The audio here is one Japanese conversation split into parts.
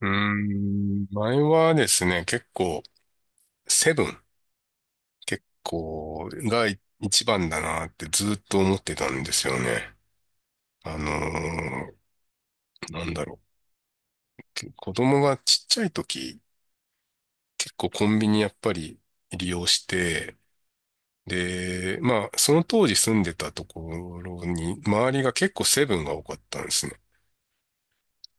うー前はですね、結構、セブン、結構、が一番だなってずっと思ってたんですよね。あのーなんだろ子供がちっちゃい時、結構コンビニやっぱり利用して、で、まあ、その当時住んでたところに、周りが結構セブンが多かったんですね。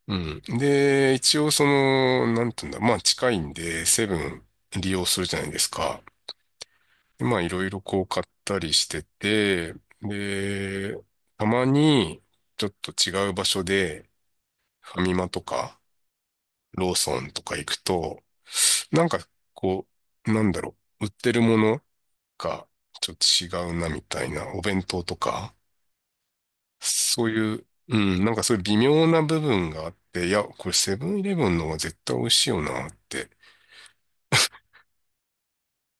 うん。で、一応その、なんていうんだ、まあ近いんで、セブン利用するじゃないですか。まあいろいろこう買ったりしてて、で、たまにちょっと違う場所でファミマとかローソンとか行くと、なんかこ売ってるものがちょっと違うなみたいな、お弁当とか、そういう、うん、なんかそういう微妙な部分があって、いや、これセブンイレブンの方が絶対美味しいよなって。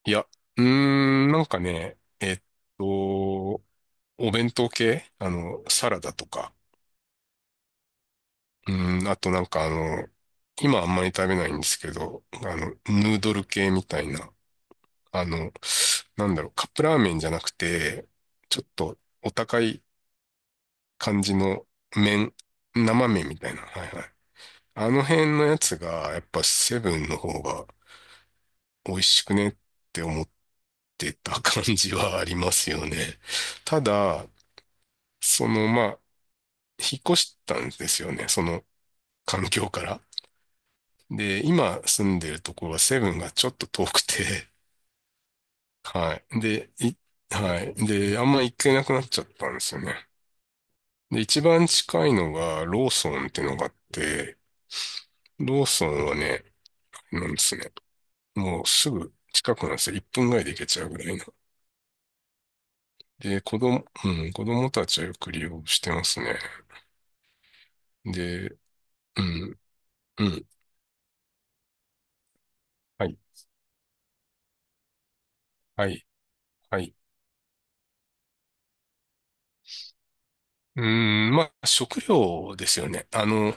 いや、なんかね、と、お弁当系あの、サラダとか。うん、あとなんかあの、今あんまり食べないんですけど、あの、ヌードル系みたいな。あの、なんだろう、カップラーメンじゃなくて、ちょっとお高い感じの麺、生麺みたいな。はいはい。あの辺のやつが、やっぱセブンの方が美味しくねって思ってた感じはありますよね。ただ、その、まあ、引っ越したんですよね。その環境から。で、今住んでるところはセブンがちょっと遠くて、はい。で、はい。で、あんま行けなくなっちゃったんですよね。で、一番近いのがローソンっていうのがあって、ローソンはね、なんですね。もうすぐ近くなんですよ。1分ぐらいで行けちゃうぐらいの。で、子供、うん、子供たちはよく利用してますね。で、うん、うん、はい、はい、はい。うーまあ、食料ですよね。あの、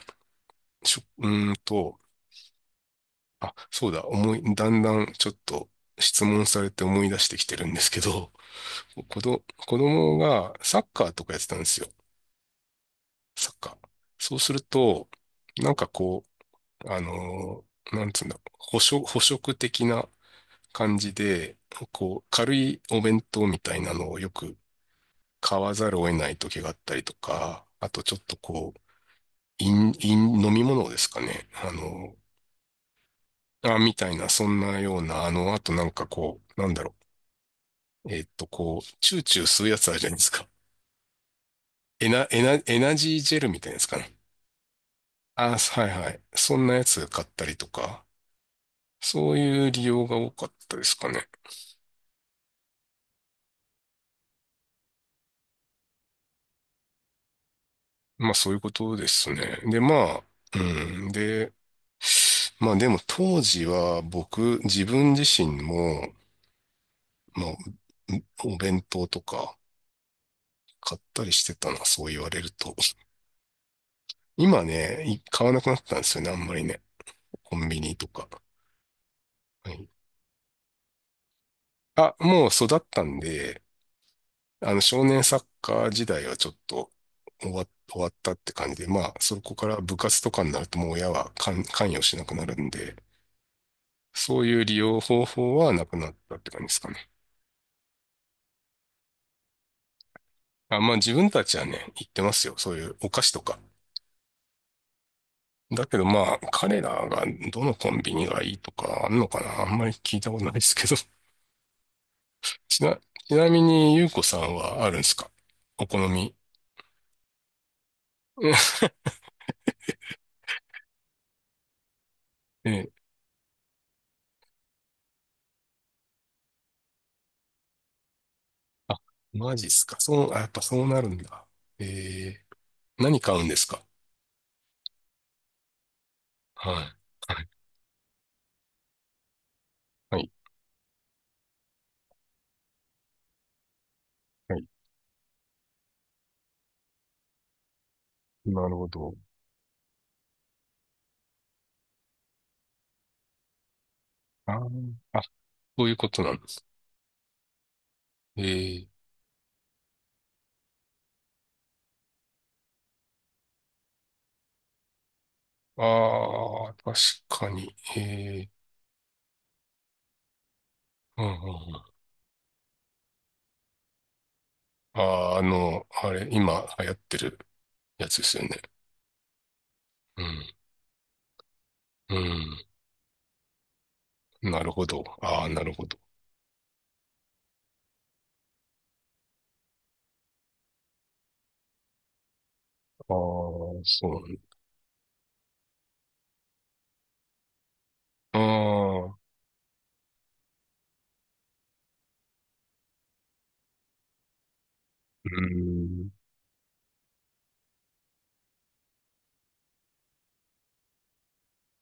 しょ、うーんと、あ、そうだ、だんだんちょっと質問されて思い出してきてるんですけど、子ど、子供がサッカーとかやってたんですよ。サッカー。そうすると、なんかこう、あのーなんつうんだろう、捕食的な感じで、こう、軽いお弁当みたいなのをよく買わざるを得ない時があったりとか、あとちょっとこう、飲み物ですかね。あのーあ、みたいな、そんなような、あの、あとなんかこう、なんだろう。こう、チューチュー吸うやつあるじゃないですか。エナジージェルみたいなやつかな。あ、はいはい。そんなやつ買ったりとか、そういう利用が多かったですかね。まあそういうことですね。で、まあ、うん。で、まあでも当時は僕、自分自身も、まあ、お弁当とか買ったりしてたな、そう言われると。今ね、買わなくなったんですよね、あんまりね。コンビニとか。はい。あ、もう育ったんで、あの、少年サッカー時代はちょっと終わったって感じで、まあ、そこから部活とかになるともう親は関与しなくなるんで、そういう利用方法はなくなったって感じですかね。あ、まあ自分たちはね、言ってますよ。そういうお菓子とか。だけどまあ、彼らがどのコンビニがいいとかあんのかなあんまり聞いたことないですけど。ちな、ちなみに、ゆうこさんはあるんですかお好み。ええ。あ、マジっすか。そう、あ、やっぱそうなるんだ。ええ何買うんですかはい。はい。はい。はいなるほど。あーあ、そういうことなんです。えー。ああ、確かに。えー。うんうんうん。あー、あの、あれ、今流行ってるやつですよね。うん。うん。なるほど。ああ、なるほど。ああ、そうなんだ。ああ、うん。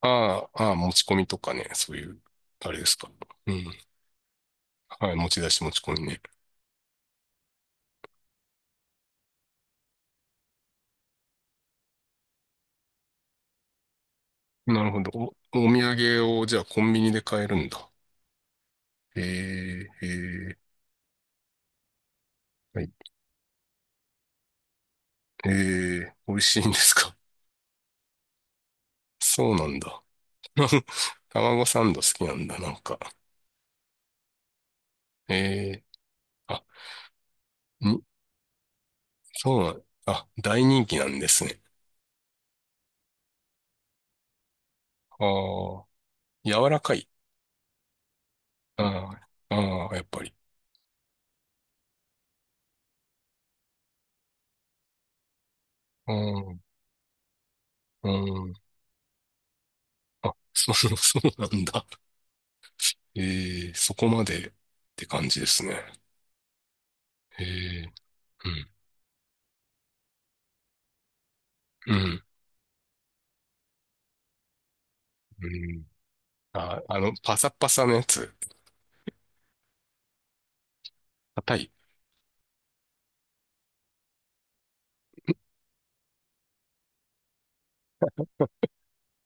ああ、ああ、持ち込みとかね、そういう、あれですか。うん。はい、持ち出し持ち込みね。なるほど。お、お土産をじゃあコンビニで買えるんだ。えええーはい。ええ美味しいんですか そうなんだ。卵サンド好きなんだ、なんか。えーあ、に、そうなん、あ、大人気なんですね。ああ、柔らかい。ああ、ああ、やっぱり。うん、うん。あ、そう、そうなんだ。えーそこまでって感じですね。えーうん、うん、うん。あ、あの、パサパサのやつ。硬い。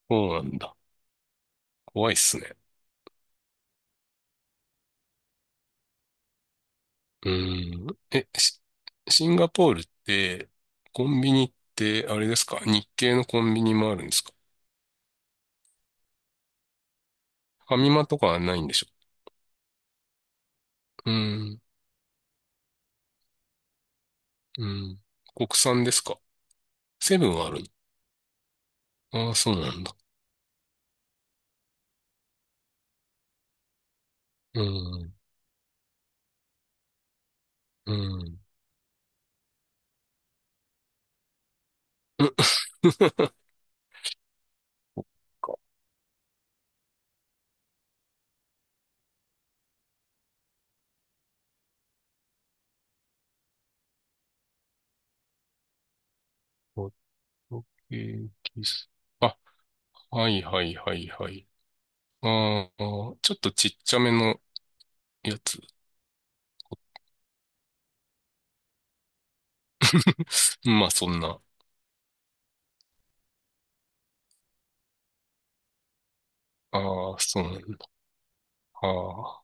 そうなんだ。怖いっすね。え、シンガポールって、コンビニって、あれですか日系のコンビニもあるんですかファミマとかはないんでしょうーん。うん。国産ですかセブンはあるのああそうなんだ。うーん。うん。かホットケーキス。あ、はいはいはいはい。ああ、ちょっとちっちゃめのやつ。まあそんな。ああ、そうなんだ。ああ。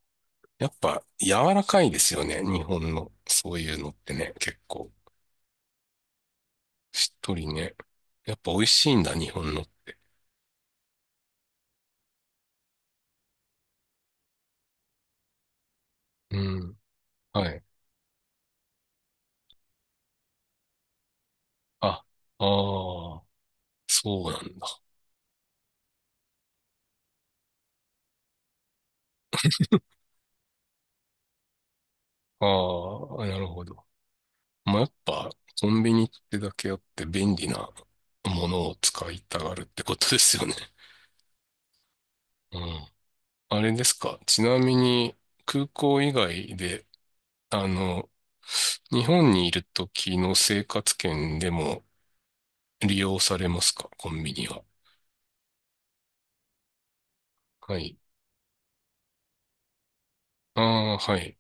やっぱ柔らかいですよね。日本のそういうのってね。結構しっとりね。やっぱ美味しいんだ、日本の。うん。はい。あ、ああ、そうなんだ。ああ、なるほど。まあ、やっぱコンビニってだけあって便利なものを使いたがるってことですよね。うん。あれですか。ちなみに空港以外で、あの、日本にいる時の生活圏でも利用されますか、コンビニは。はい。ああ、はい。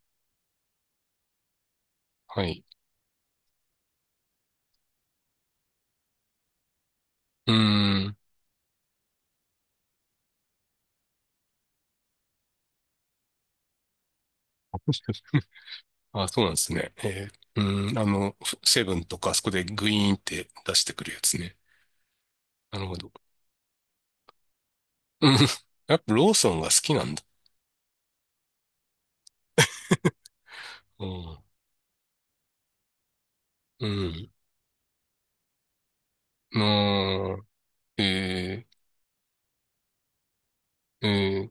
はい。うーん。あ、そうなんですね。えー、あの、セブンとか、あそこでグイーンって出してくるやつね。なるほど。うん。やっぱローソンが好きなんだ。うん。うん。なあー、えー、え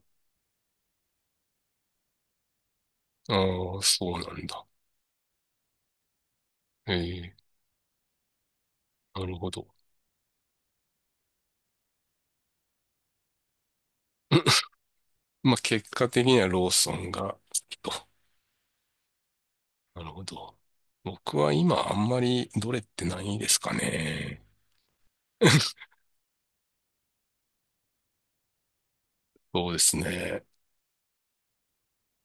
ー、ああ、そうなんだ。えー、なるほど。まあ、結果的にはローソンが好きと。なるほど。僕は今あんまりどれってないですかね。そうですね。